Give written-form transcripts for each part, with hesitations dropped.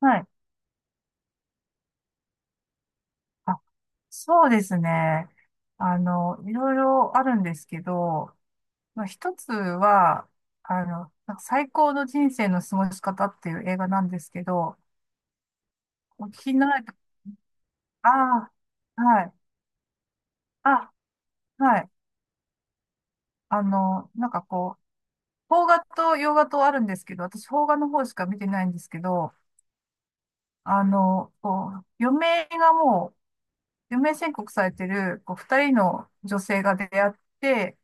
はい。あ、そうですね。いろいろあるんですけど、まあ、一つは、なんか最高の人生の過ごし方っていう映画なんですけど、お聞きになられた、ああ、はい。あ、はい。なんかこう、邦画と洋画とあるんですけど、私邦画の方しか見てないんですけど、あの、こう、余命がもう、余命宣告されてる、こう、二人の女性が出会って、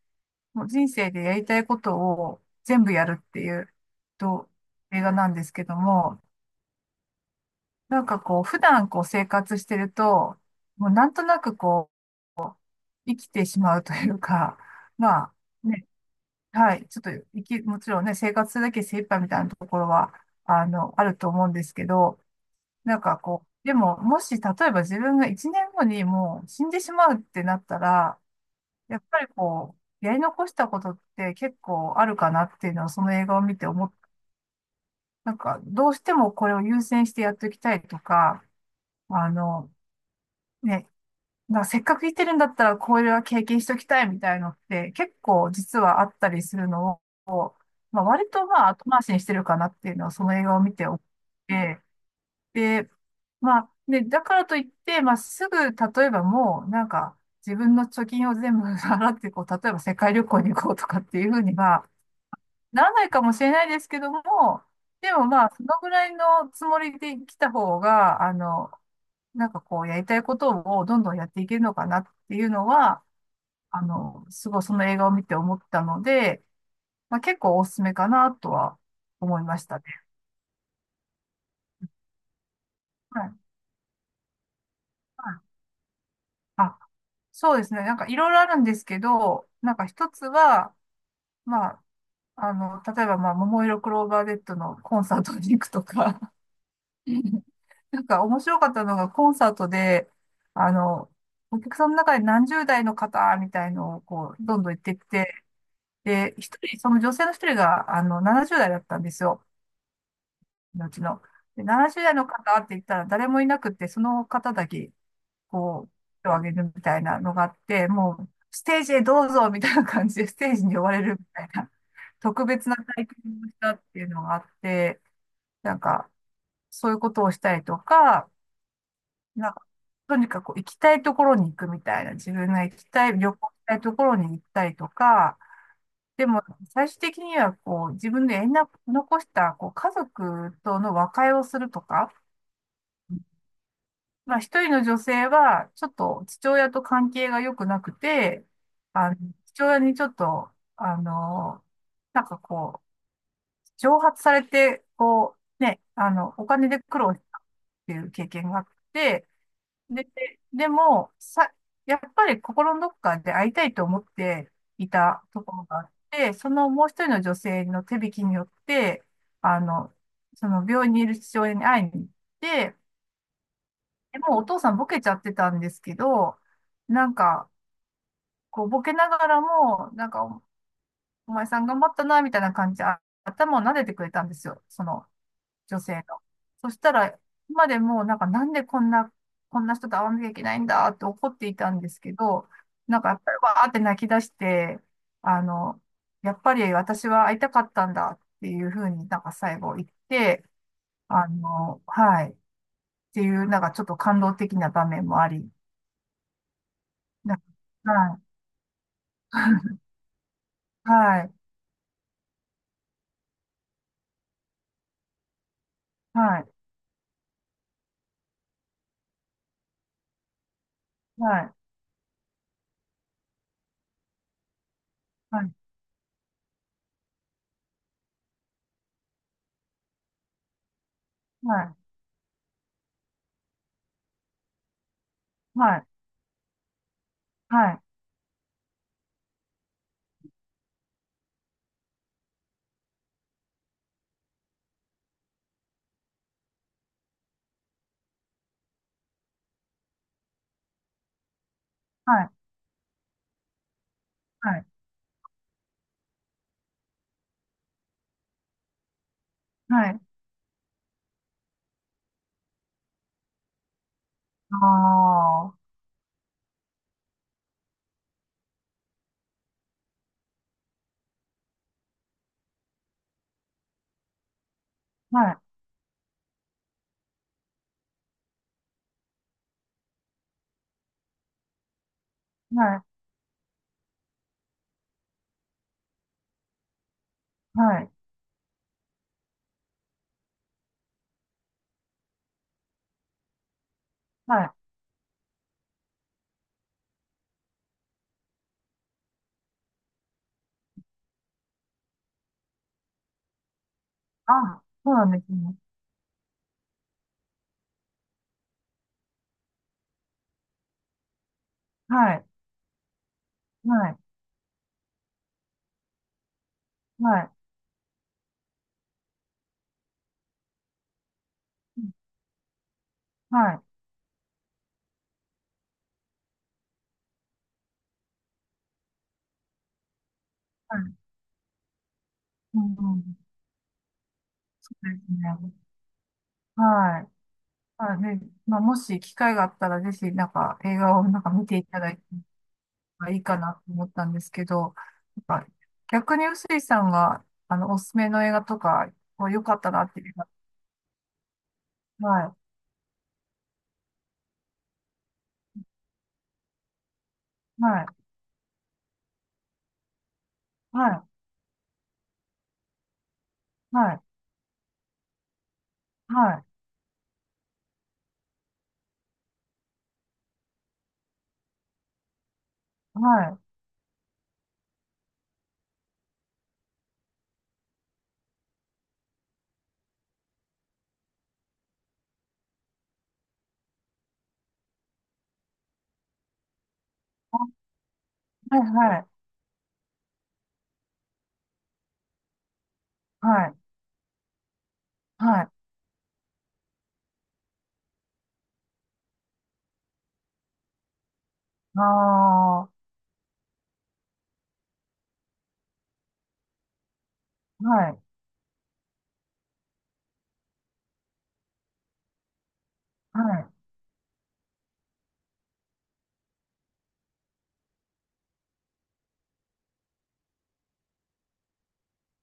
もう人生でやりたいことを全部やるっていう、と、映画なんですけども、なんかこう、普段こう生活してると、もうなんとなくこう、生きてしまうというか、まあ、ね、はい、ちょっと生き、もちろんね、生活するだけ精一杯みたいなところは、あると思うんですけど、なんかこう、でも、もし、例えば自分が1年後にもう死んでしまうってなったら、やっぱりこう、やり残したことって結構あるかなっていうのをその映画を見て思っなんか、どうしてもこれを優先してやっておきたいとか、あの、ね、なせっかく行ってるんだったらこれは経験しておきたいみたいのって結構実はあったりするのを、まあ、割とまあ後回しにしてるかなっていうのはその映画を見ておって、で、まあ、ね、だからといって、まあすぐ、例えばもうなんか自分の貯金を全部払ってこう、例えば世界旅行に行こうとかっていうふうには、ならないかもしれないですけども、でもまあ、そのぐらいのつもりで来た方が、なんかこう、やりたいことをどんどんやっていけるのかなっていうのは、すごいその映画を見て思ったので、まあ、結構おすすめかなとは思いましたね。はい。はい、あ、そうですね。なんかいろいろあるんですけど、なんか一つは、まあ、例えば、まあ、桃色クローバー Z のコンサートに行くとか、なんか面白かったのがコンサートで、あの、お客さんの中で何十代の方みたいのをこう、どんどん言ってきて、で、一人、その女性の一人が、70代だったんですよ、うちの。で、70代の方って言ったら誰もいなくて、その方だけ、こう、手を挙げるみたいなのがあって、もう、ステージへどうぞみたいな感じで、ステージに呼ばれるみたいな、特別な体験をしたっていうのがあって、なんか、そういうことをしたりとか、なんか、とにかく行きたいところに行くみたいな、自分が行きたい、旅行したいところに行ったりとか、でも最終的にはこう、自分で縁な残したこう家族との和解をするとか、まあ一人の女性はちょっと父親と関係が良くなくて、あの、父親にちょっと、あの、なんかこう、蒸発されて、こう、ね、お金で苦労したっていう経験があって、で、でも、さ、やっぱり心のどこかで会いたいと思っていたところがあって、そのもう一人の女性の手引きによって、あの、その病院にいる父親に会いに行って、でもうお父さんボケちゃってたんですけど、なんか、こうボケながらも、なんかお前さん頑張ったな、みたいな感じで、あ頭を撫でてくれたんですよ。その、女性の。そしたら、今までもなんかなんでこんな、こんな人と会わなきゃいけないんだって怒っていたんですけど、なんかやっぱりわーって泣き出して、あの、やっぱり私は会いたかったんだっていうふうになんか最後言って、はい、っていうなんかちょっと感動的な場面もあり、なんかはい、はい、はい、はい、はい、はい、はい、はい、はい、はい、はい、あいはい、はい、はい、はい、あ、そうなんですね。はい、はい、はい、うん、はい、はい、うん、うん、そうですね。はい、はい、でまあもし機会があったらぜひなんか映画をなんか見ていただいた方がいいかなと思ったんですけど、なんか逆に臼井さんがおすすめの映画とかこう良かったなっていうか、はい、はい、はい、はい、はい、はい、はい、はい、はい、はい、ああ、はい、はい、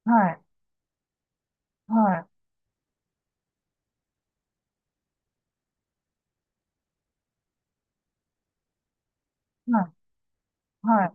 はい、はい、はい、はい、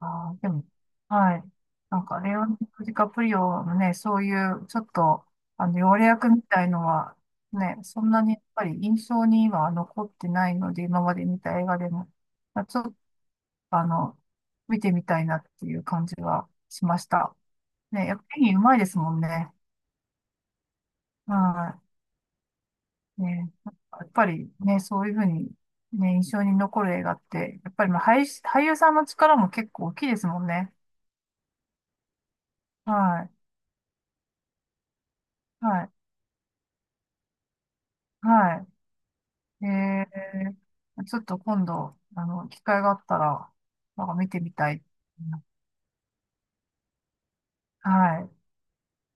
あーでも、はい。なんか、レオナルド・ディカプリオのね、そういう、ちょっと、要約みたいのは、ね、そんなにやっぱり印象に今は残ってないので、今まで見た映画でも、まあちょっと、あの、見てみたいなっていう感じはしました。ね、やっぱり演技うまいですもんね。はい。ね、やっぱりね、そういうふうに、ね、印象に残る映画って、やっぱりまあ俳優さんの力も結構大きいですもんね。はい。はい。はい。えちょっと今度、機会があったら、なんか見てみたい。はい。